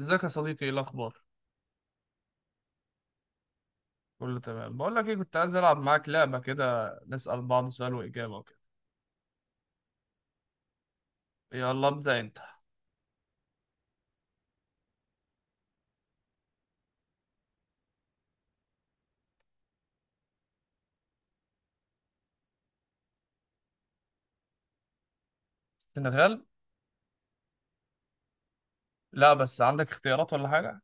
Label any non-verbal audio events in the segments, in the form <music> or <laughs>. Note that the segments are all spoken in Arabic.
ازيك يا صديقي؟ ايه الاخبار؟ كله تمام. بقول لك ايه، كنت عايز العب معاك لعبه كده، نسال بعض سؤال واجابه وكده. يلا ابدا انت. السنغال؟ لا بس عندك اختيارات ولا حاجه؟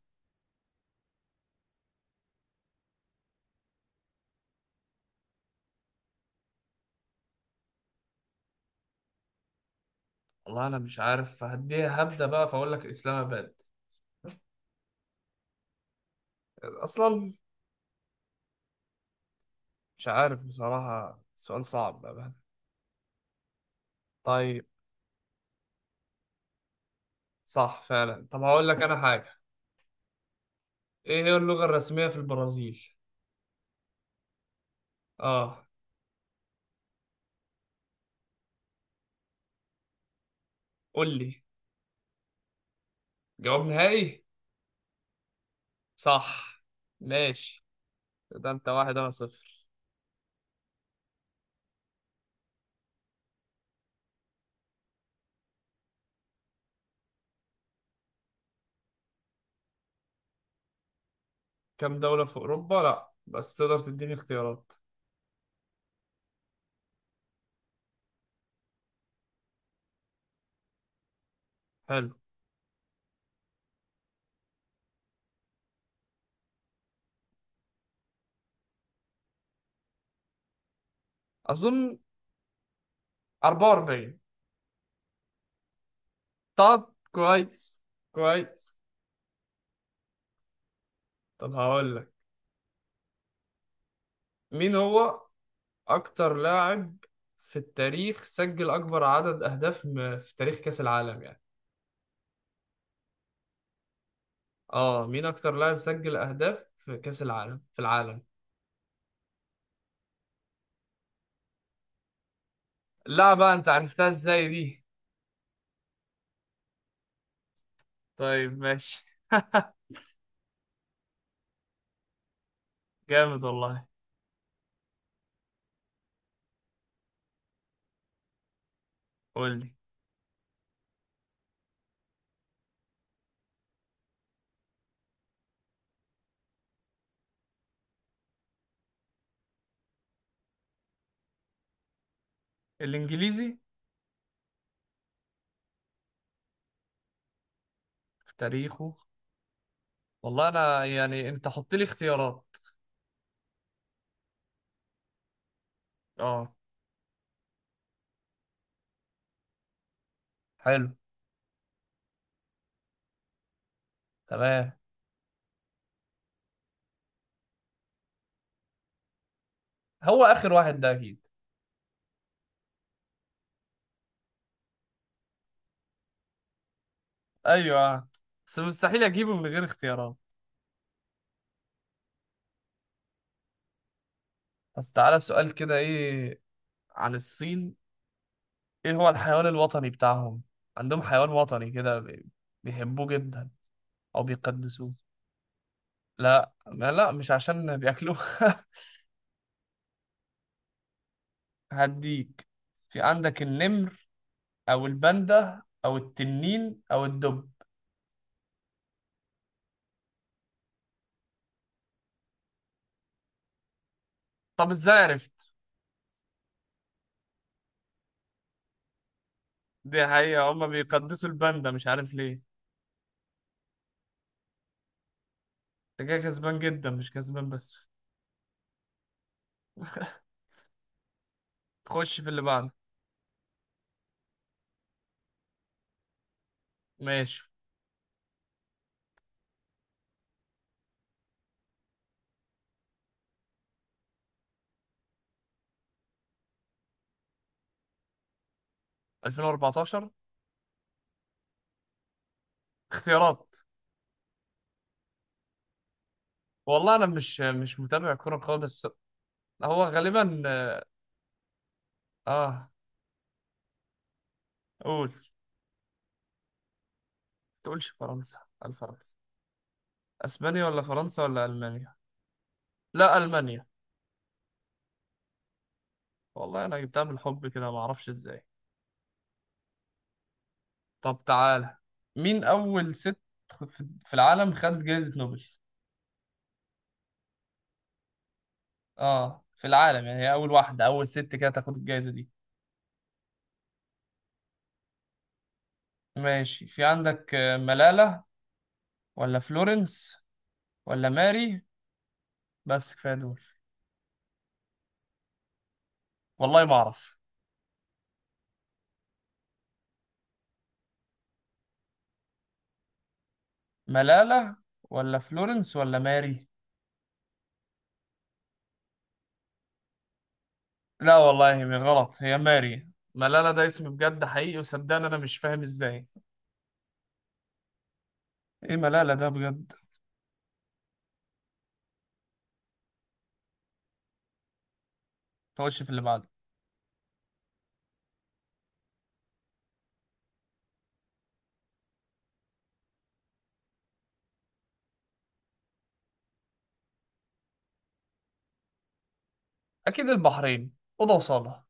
والله انا مش عارف، هديها هبدا بقى، فاقول لك اسلام اباد. اصلا مش عارف بصراحه، سؤال صعب بقى. طيب، صح فعلا. طب هقول لك انا حاجه، ايه هي اللغه الرسميه في البرازيل؟ اه، قول لي جواب نهائي. صح. ماشي، ده انت واحد انا صفر. كام دولة في أوروبا؟ لأ بس تقدر تديني اختيارات؟ حلو. أظن 44. طب كويس، كويس. طب هقول لك، مين هو أكتر لاعب في التاريخ سجل أكبر عدد أهداف في تاريخ كأس العالم يعني؟ آه، مين أكتر لاعب سجل أهداف في كأس العالم في العالم؟ لا بقى، أنت عرفتها إزاي دي؟ طيب ماشي. <laughs> جامد والله. قول لي. الإنجليزي؟ في تاريخه؟ والله أنا يعني أنت حط لي اختيارات. اه. حلو. تمام. هو آخر واحد ده أكيد. ايوه بس مستحيل اجيبه من غير اختيارات. طب تعالى سؤال كده، إيه عن الصين؟ إيه هو الحيوان الوطني بتاعهم؟ عندهم حيوان وطني كده بيحبوه جدا أو بيقدسوه. لا ما لا، مش عشان بياكلوه. <laughs> هديك. في عندك النمر أو الباندا أو التنين أو الدب. طب ازاي عرفت؟ دي حقيقة، هما بيقدسوا الباندا، مش عارف ليه. انت كده كسبان جدا، مش كسبان بس. خش في اللي بعده. ماشي. 2014؟ اختيارات؟ والله انا مش متابع كوره خالص. هو غالبا. اه. قول. تقولش فرنسا؟ الفرنسا؟ اسبانيا ولا فرنسا ولا المانيا؟ لا، المانيا. والله انا جبتها بالحب كده، ما اعرفش ازاي. طب تعالى، مين اول ست في العالم خدت جائزة نوبل؟ اه، في العالم يعني، هي اول واحدة، اول ست كده تاخد الجائزة دي. ماشي. في عندك ملالة ولا فلورنس ولا ماري، بس كفاية دول. والله ما اعرف. ملالة ولا فلورنس ولا ماري؟ لا والله هي غلط، هي ماري. ملالة ده اسم بجد حقيقي، وصدقني انا مش فاهم ازاي. ايه ملالة ده بجد. خش في اللي بعده. اكيد البحرين، اوضه وصاله.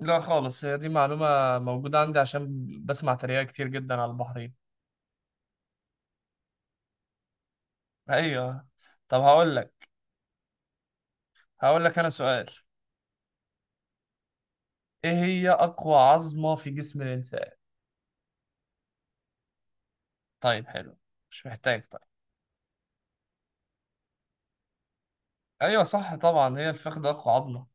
لا خالص، هي دي معلومة موجودة عندي عشان بسمع تريقة كتير جدا على البحرين. ايوه. طب هقول لك. هقول لك انا سؤال، ايه هي اقوى عظمة في جسم الانسان؟ طيب حلو، مش محتاج طيب. ايوه صح طبعا، هي الفخذ اقوى عظمة.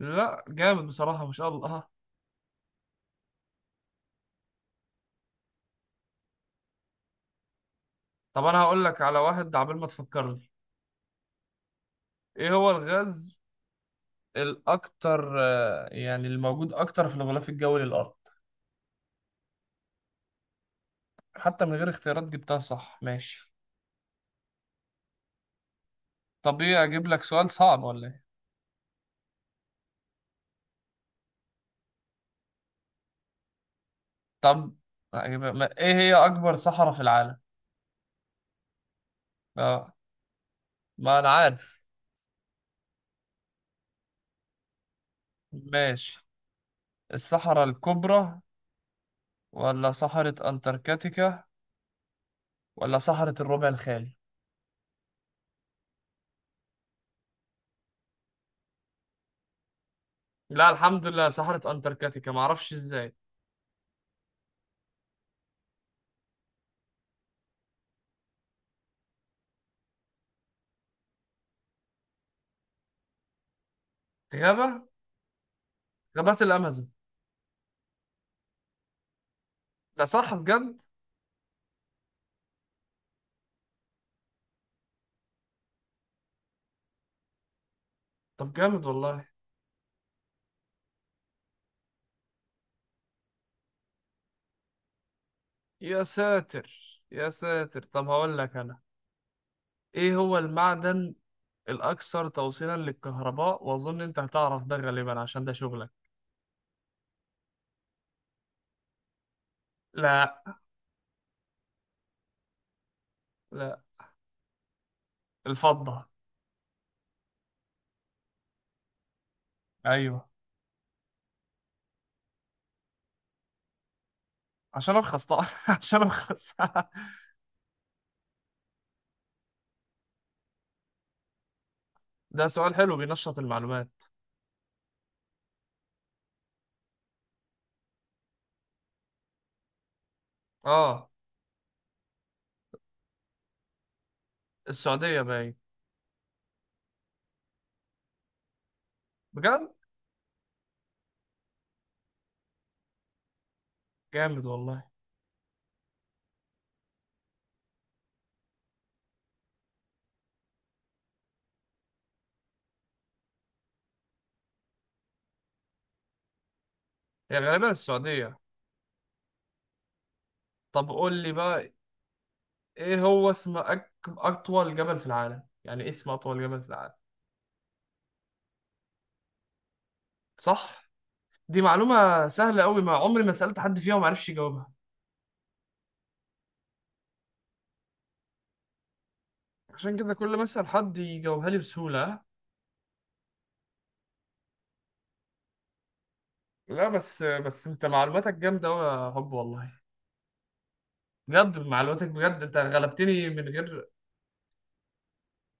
لا جامد بصراحة، ما شاء الله ها. طب أنا هقول لك على واحد عبال ما تفكرني. إيه هو الغاز الأكتر، يعني الموجود أكتر في الغلاف الجوي للأرض؟ حتى من غير اختيارات جبتها صح. ماشي. طب إيه، أجيب لك سؤال صعب ولا إيه؟ طب أجيب ما، إيه هي أكبر صحراء في العالم؟ آه. ما أنا عارف. ماشي، الصحراء الكبرى ولا صحراء أنتاركتيكا ولا صحراء الربع الخالي؟ لا، الحمد لله صحراء أنتاركتيكا، معرفش إزاي. غابة. غابات الأمازون. ده صح بجد؟ طب جامد والله. يا ساتر، يا ساتر. طب هقول لك انا، ايه هو المعدن الاكثر توصيلا للكهرباء؟ واظن انت هتعرف ده غالبا عشان ده شغلك. لا. لا. الفضة. ايوه. عشان ارخص طبعا. <laughs> عشان ارخص. <laughs> ده سؤال حلو، بينشط المعلومات. اه. السعودية باين. بجد؟ جامد والله. هي غالبا السعودية. طب قول لي بقى، ايه هو اسم أك... اطول جبل في العالم؟ يعني إيه اسم اطول جبل في العالم؟ صح. دي معلومة سهلة قوي، ما عمري ما سألت حد فيها وما عرفش يجاوبها. عشان كده كل ما أسأل حد يجاوبها لي بسهولة. لا بس، انت معلوماتك جامدة قوي يا حب والله. بجد معلوماتك، بجد انت غلبتني من غير.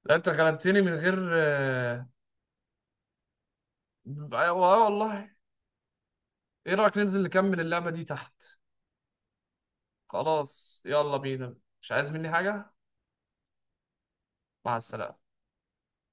لا انت غلبتني من غير آه آه، والله. ايه رأيك ننزل نكمل اللعبة دي تحت؟ خلاص يلا بينا. مش عايز مني حاجة؟ مع السلامة.